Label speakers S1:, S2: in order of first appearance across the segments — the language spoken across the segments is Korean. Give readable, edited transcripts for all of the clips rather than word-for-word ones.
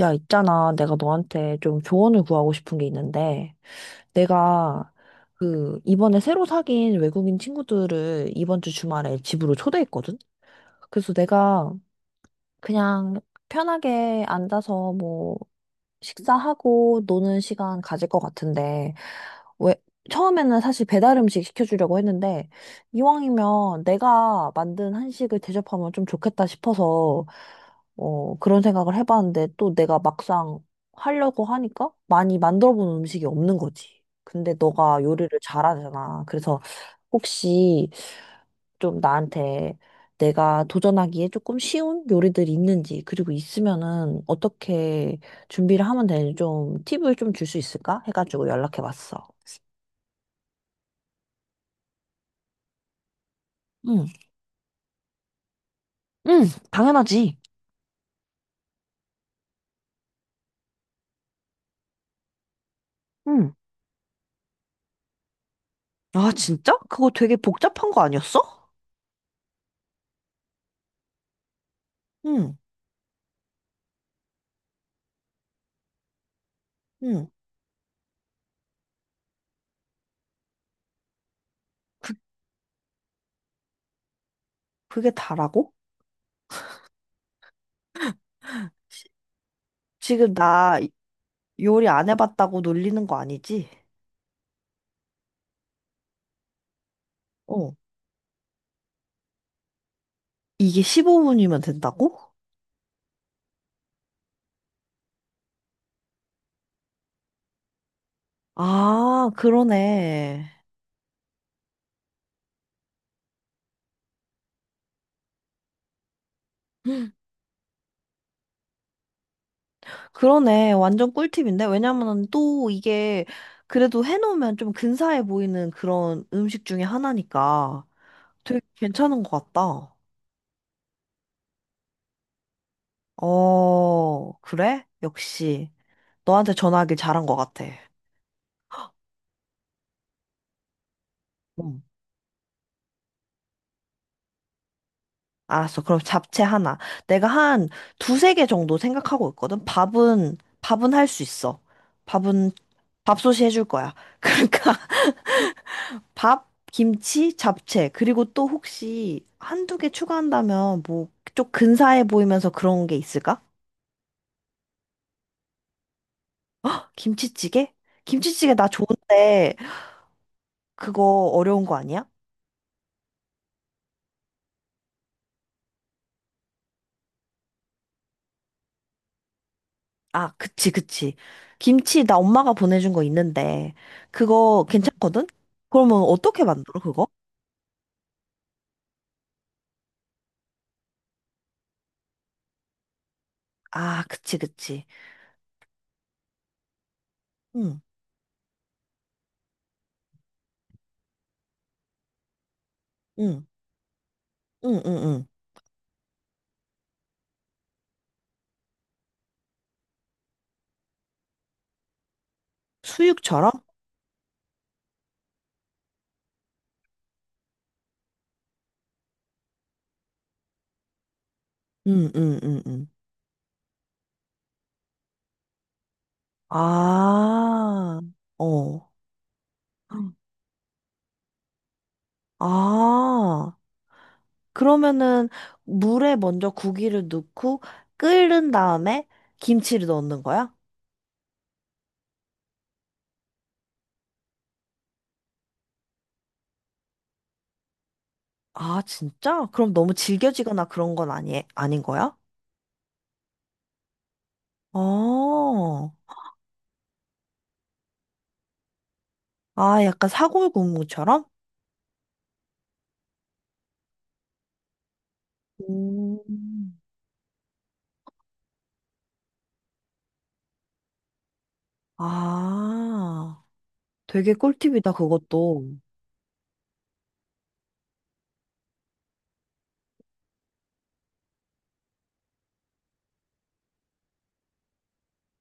S1: 야, 있잖아. 내가 너한테 좀 조언을 구하고 싶은 게 있는데, 내가 그 이번에 새로 사귄 외국인 친구들을 이번 주 주말에 집으로 초대했거든? 그래서 내가 그냥 편하게 앉아서 뭐 식사하고 노는 시간 가질 것 같은데, 왜, 처음에는 사실 배달 음식 시켜주려고 했는데, 이왕이면 내가 만든 한식을 대접하면 좀 좋겠다 싶어서, 그런 생각을 해봤는데, 또 내가 막상 하려고 하니까 많이 만들어 본 음식이 없는 거지. 근데 너가 요리를 잘하잖아. 그래서 혹시 좀 나한테 내가 도전하기에 조금 쉬운 요리들이 있는지, 그리고 있으면은 어떻게 준비를 하면 되는지 좀 팁을 좀 줄 수 있을까? 해가지고 연락해 봤어. 응, 응, 당연하지. 응. 아, 진짜? 그거 되게 복잡한 거 아니었어? 응, 응. 그, 그게 다라고? 지금 나 요리 안 해봤다고 놀리는 거 아니지? 어. 이게 15분이면 된다고? 아, 그러네. 그러네. 완전 꿀팁인데? 왜냐면은 또 이게 그래도 해놓으면 좀 근사해 보이는 그런 음식 중에 하나니까 되게 괜찮은 것 같다. 어, 그래? 역시. 너한테 전화하길 잘한 것 같아. 응. 알았어. 그럼 잡채 하나. 내가 한 두세 개 정도 생각하고 있거든. 밥은 할 수 있어. 밥은, 밥솥이 해줄 거야. 그러니까. 밥, 김치, 잡채. 그리고 또 혹시 한두 개 추가한다면 뭐 좀 근사해 보이면서 그런 게 있을까? 김치찌개? 김치찌개 나 좋은데 그거 어려운 거 아니야? 아, 그치, 그치. 김치 나 엄마가 보내준 거 있는데 그거 괜찮거든? 그러면 어떻게 만들어, 그거? 아, 그치, 그치. 응, 응, 응, 응, 응. 수육처럼? 응, 응, 응, 응. 아, 어. 아. 그러면은 물에 먼저 고기를 넣고 끓는 다음에 김치를 넣는 거야? 아, 진짜? 그럼 너무 질겨지거나 그런 건 아니, 아닌 거야? 어. 아, 약간 사골국물처럼? 음. 아, 되게 꿀팁이다, 그것도.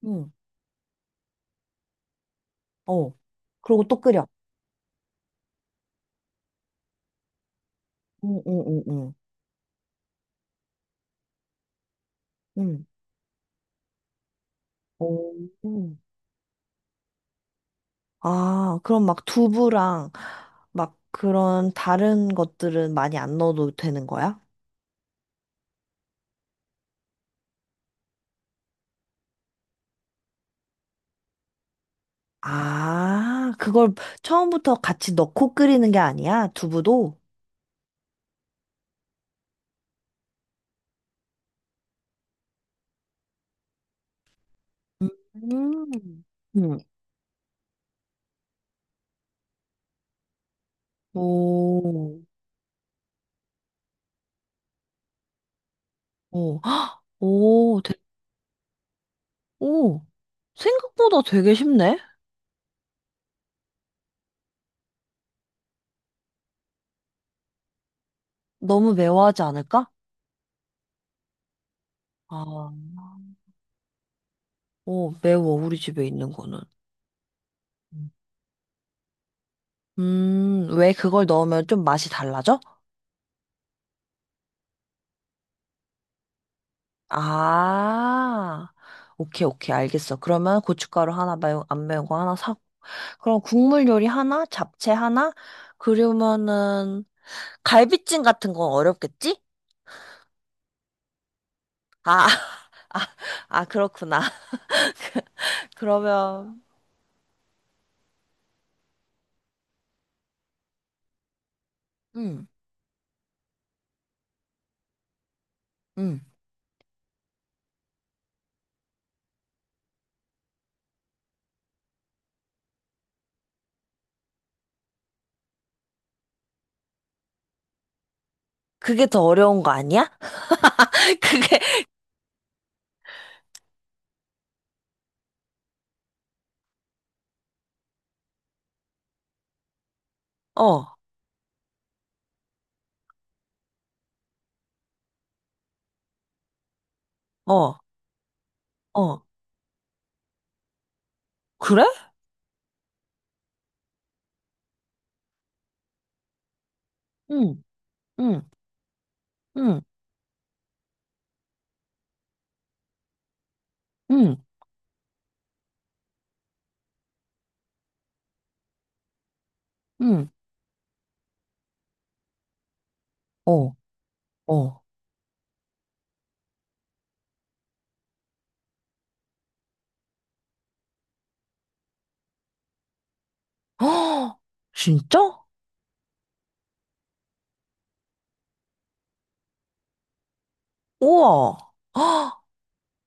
S1: 응, 어. 그리고 또 끓여. 응, 응, 응. 응. 응. 오. 음. 아, 그럼 막 두부랑 막 그런 다른 것들은 많이 안 넣어도 되는 거야? 아, 그걸 처음부터 같이 넣고 끓이는 게 아니야? 두부도? 음. 응. 오, 오, 헉, 오, 오. 생각보다 되게 쉽네? 너무 매워하지 않을까? 아, 오, 매워, 우리 집에 있는 거는. 왜 그걸 넣으면 좀 맛이 달라져? 아, 오케이, 오케이, 알겠어. 그러면 고춧가루 하나, 매운, 안 매운 거 하나 사고. 그럼 국물 요리 하나, 잡채 하나, 그러면은 갈비찜 같은 건 어렵겠지? 아, 아, 그렇구나. 그러면, 음, 음. 그게 더 어려운 거 아니야? 그게, 어, 어, 어. 그래? 응, 응, 응, 응, 응. 어, 어. 허, 진짜? 우와.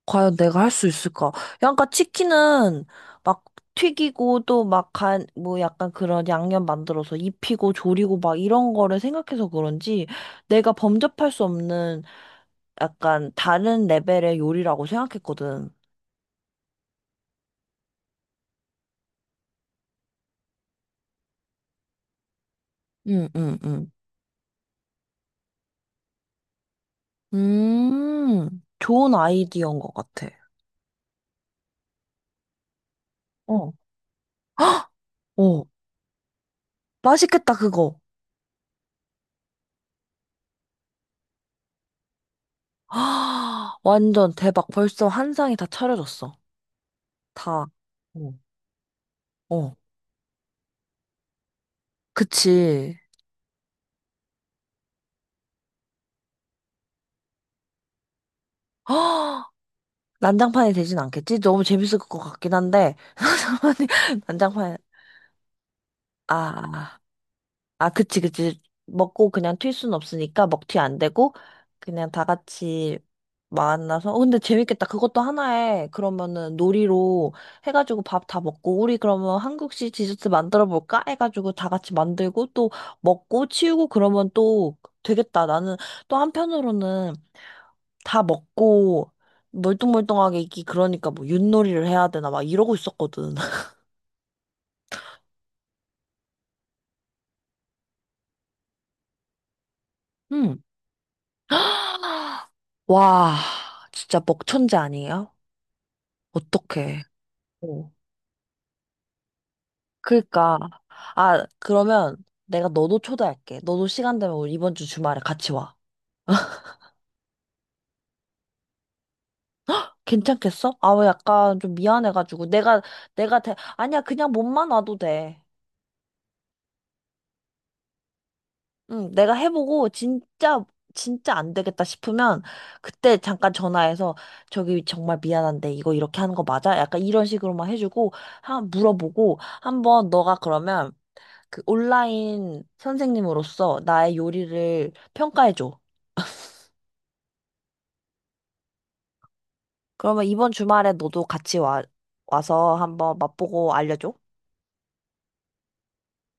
S1: 과연 내가 할 수 있을까? 야, 그러니까 치킨은 막 튀기고 또 막 뭐 약간 그런 양념 만들어서 입히고 조리고 막 이런 거를 생각해서 그런지 내가 범접할 수 없는 약간 다른 레벨의 요리라고 생각했거든. 응, 응, 응. 좋은 아이디어인 것 같아. 어. 헉! 오, 맛있겠다, 그거. 아, 완전 대박. 벌써 한 상이 다 차려졌어. 다. 어. 어. 그치. 어, 난장판이 되진 않겠지? 너무 재밌을 것 같긴 한데. 아니, 난장판, 아, 아, 그치, 그치. 먹고 그냥 튈 순 없으니까 먹튀 안 되고, 그냥 다 같이 만나서. 어, 근데 재밌겠다. 그것도 하나에, 그러면은 놀이로 해가지고 밥 다 먹고, 우리 그러면 한국식 디저트 만들어 볼까? 해가지고 다 같이 만들고, 또 먹고, 치우고, 그러면 또 되겠다. 나는 또 한편으로는 다 먹고 멀뚱멀뚱하게 있기 그러니까 뭐 윷놀이를 해야 되나 막 이러고 있었거든. 응. 와, 진짜 먹천재 아니에요? 어떡해. 어. 그러니까, 아, 그러면 내가 너도 초대할게. 너도 시간 되면 우리 이번 주 주말에 같이 와. 괜찮겠어? 아, 왜 약간 좀 미안해가지고. 내가, 아니야, 그냥 몸만 와도 돼. 응, 내가 해보고 진짜 진짜 안 되겠다 싶으면 그때 잠깐 전화해서 저기 정말 미안한데 이거 이렇게 하는 거 맞아? 약간 이런 식으로만 해주고 한 물어보고 한번 너가 그러면 그 온라인 선생님으로서 나의 요리를 평가해줘. 그러면 이번 주말에 너도 같이 와 와서 한번 맛보고 알려줘.